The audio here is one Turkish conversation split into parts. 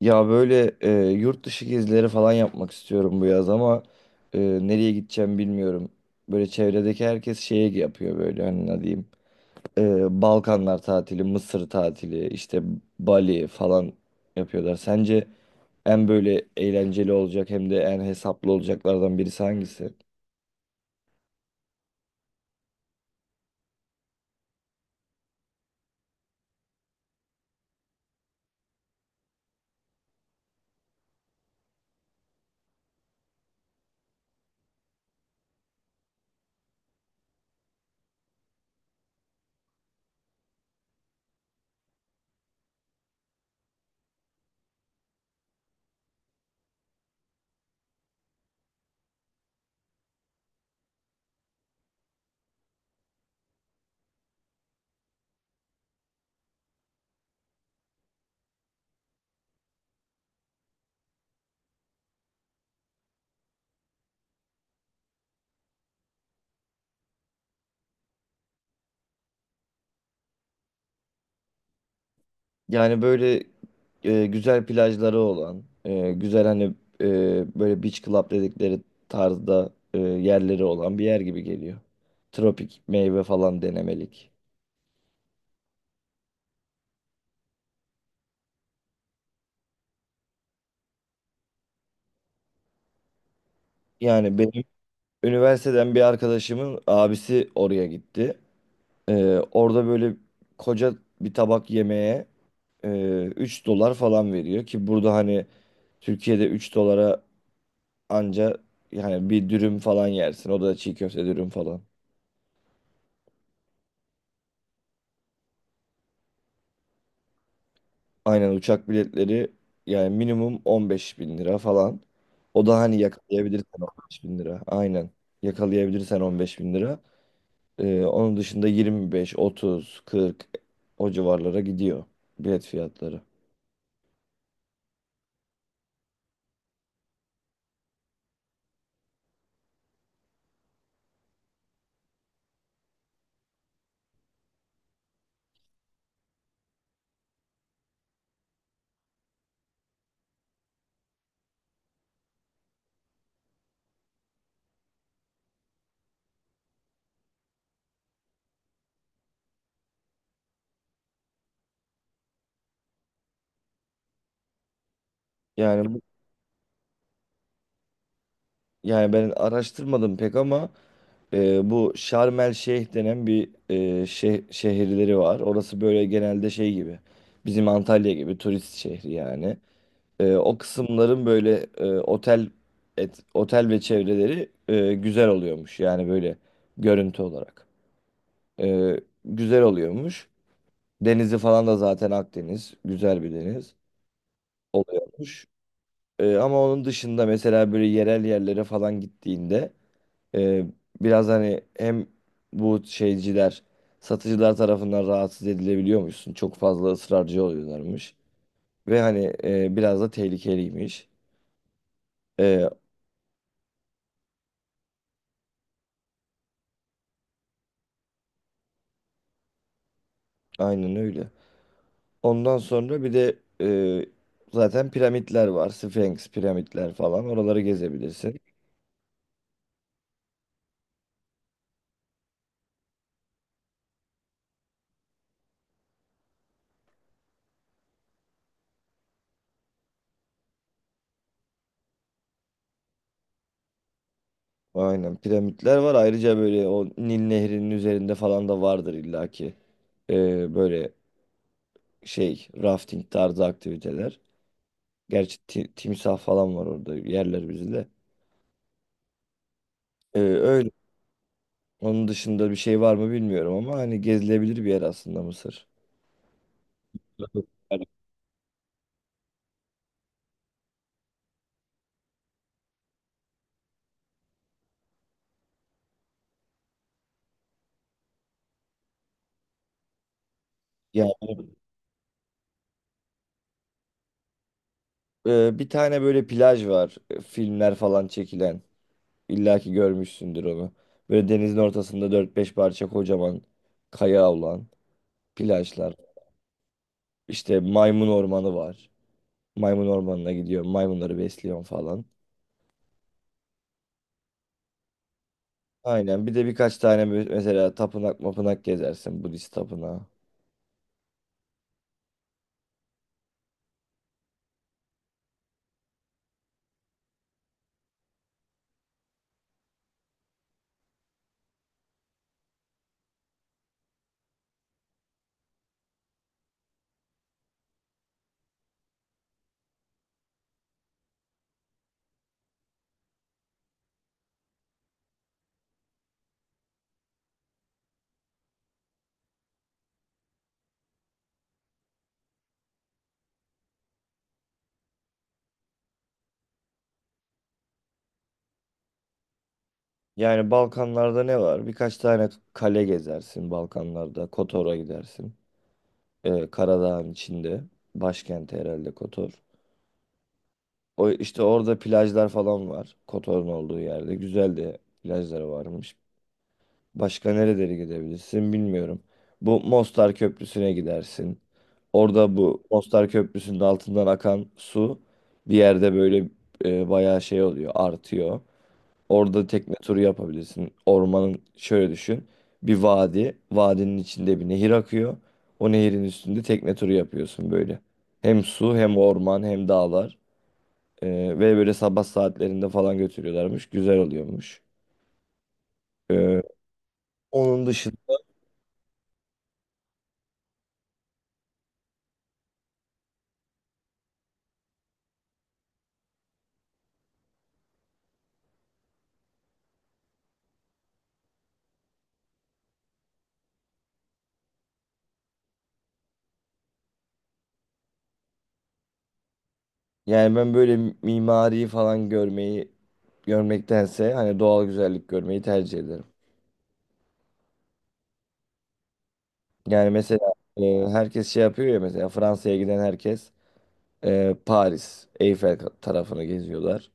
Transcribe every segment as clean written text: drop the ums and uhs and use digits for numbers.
Ya böyle yurt dışı gezileri falan yapmak istiyorum bu yaz ama nereye gideceğim bilmiyorum. Böyle çevredeki herkes şeye yapıyor böyle hani ne diyeyim. Balkanlar tatili, Mısır tatili, işte Bali falan yapıyorlar. Sence en böyle eğlenceli olacak hem de en hesaplı olacaklardan birisi hangisi? Yani böyle güzel plajları olan, güzel hani e, böyle beach club dedikleri tarzda yerleri olan bir yer gibi geliyor. Tropik meyve falan denemelik. Yani benim üniversiteden bir arkadaşımın abisi oraya gitti. E, Orada böyle koca bir tabak yemeğe 3 dolar falan veriyor ki burada hani Türkiye'de 3 dolara anca yani bir dürüm falan yersin. O da çiğ köfte dürüm falan. Aynen uçak biletleri yani minimum 15 bin lira falan. O da hani yakalayabilirsen 15 bin lira. Aynen. Yakalayabilirsen 15 bin lira. Onun dışında 25, 30, 40 o civarlara gidiyor bilet fiyatları. Yani bu- Yani ben araştırmadım pek ama bu Şarm El Şeyh denen bir şehirleri var. Orası böyle genelde şey gibi. Bizim Antalya gibi turist şehri yani. O kısımların böyle otel ve çevreleri güzel oluyormuş. Yani böyle görüntü olarak. E, Güzel oluyormuş. Denizi falan da zaten Akdeniz. Güzel bir deniz oluyormuş. Ama onun dışında mesela böyle yerel yerlere falan gittiğinde e, biraz hani hem bu şeyciler satıcılar tarafından rahatsız edilebiliyormuşsun. Çok fazla ısrarcı oluyorlarmış. Ve hani biraz da tehlikeliymiş. E, aynen öyle. Ondan sonra bir de zaten piramitler var. Sphinx piramitler falan. Oraları gezebilirsin. Aynen piramitler var. Ayrıca böyle o Nil Nehri'nin üzerinde falan da vardır illaki. Böyle şey rafting tarzı aktiviteler. Gerçi timsah falan var orada yerler bizi de. Öyle. Onun dışında bir şey var mı bilmiyorum ama hani gezilebilir bir yer aslında Mısır. Ya bir tane böyle plaj var. Filmler falan çekilen. İlla ki görmüşsündür onu. Böyle denizin ortasında 4 5 parça kocaman kaya olan plajlar. İşte maymun ormanı var. Maymun ormanına gidiyor. Maymunları besliyorum falan. Aynen. Bir de birkaç tane mesela tapınak mapınak gezersin. Budist tapınağı. Yani Balkanlarda ne var? Birkaç tane kale gezersin Balkanlarda. Kotor'a gidersin. Karadağ'ın içinde. Başkenti herhalde Kotor. O işte orada plajlar falan var. Kotor'un olduğu yerde. Güzel de plajları varmış. Başka nerelere gidebilirsin bilmiyorum. Bu Mostar Köprüsü'ne gidersin. Orada bu Mostar Köprüsü'nün altından akan su bir yerde böyle bayağı şey oluyor, artıyor. Orada tekne turu yapabilirsin. Ormanın şöyle düşün. Bir vadi, vadinin içinde bir nehir akıyor. O nehirin üstünde tekne turu yapıyorsun böyle. Hem su hem orman hem dağlar. E, Ve böyle sabah saatlerinde falan götürüyorlarmış. Güzel oluyormuş. E, onun dışında Yani ben böyle mimariyi falan görmeyi görmektense hani doğal güzellik görmeyi tercih ederim. Yani mesela e, herkes şey yapıyor ya mesela Fransa'ya giden herkes Paris, Eyfel tarafını geziyorlar.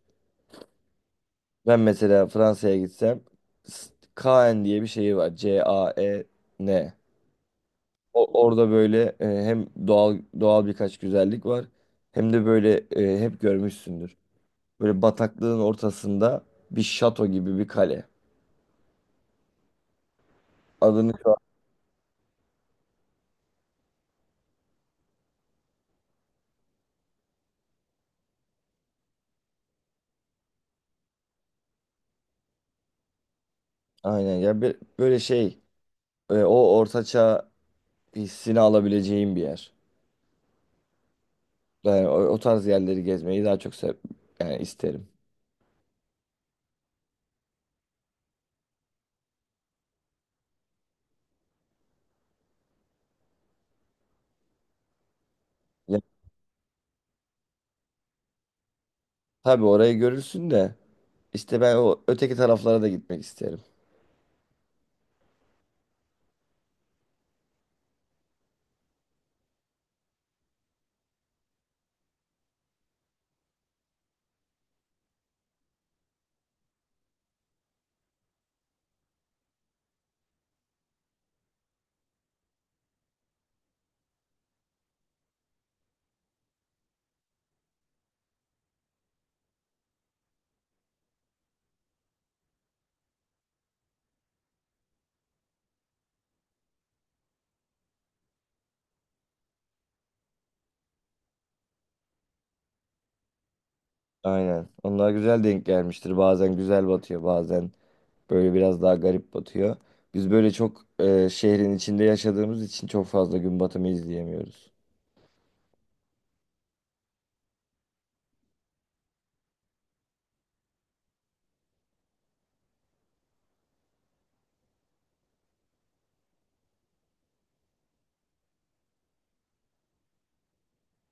Ben mesela Fransa'ya gitsem S- Caen diye bir şeyi var. Caen. Orada böyle hem doğal doğal birkaç güzellik var hem de böyle hep görmüşsündür. Böyle bataklığın ortasında bir şato gibi bir kale. Adını. Aynen ya böyle şey o ortaçağ hissini alabileceğim bir yer. Yani o, o tarz yerleri gezmeyi daha çok yani isterim. Ya, tabii orayı görürsün de işte ben o öteki taraflara da gitmek isterim. Aynen. Onlar güzel denk gelmiştir. Bazen güzel batıyor, bazen böyle biraz daha garip batıyor. Biz böyle çok şehrin içinde yaşadığımız için çok fazla gün batımı izleyemiyoruz.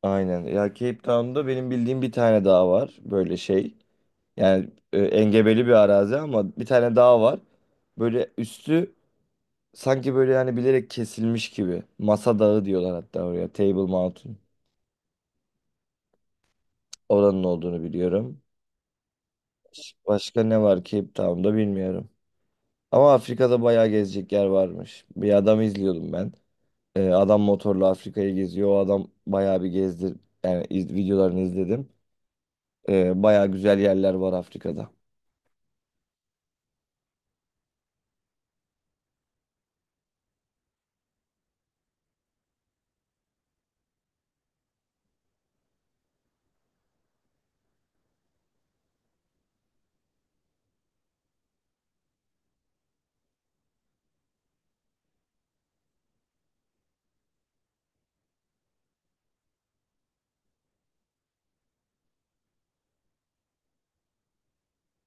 Aynen. Ya Cape Town'da benim bildiğim bir tane daha var böyle şey. Yani engebeli bir arazi ama bir tane dağ var. Böyle üstü sanki böyle yani bilerek kesilmiş gibi. Masa dağı diyorlar hatta oraya. Table Mountain. Oranın olduğunu biliyorum. Başka ne var Cape Town'da bilmiyorum. Ama Afrika'da bayağı gezecek yer varmış. Bir adam izliyordum ben. Adam motorla Afrika'yı geziyor. O adam bayağı bir gezdir. Yani videolarını izledim. Baya güzel yerler var Afrika'da.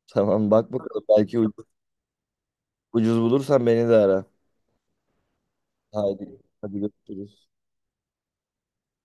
Tamam bak bakalım belki ucuz bulursan beni de ara. Haydi hadi görüşürüz.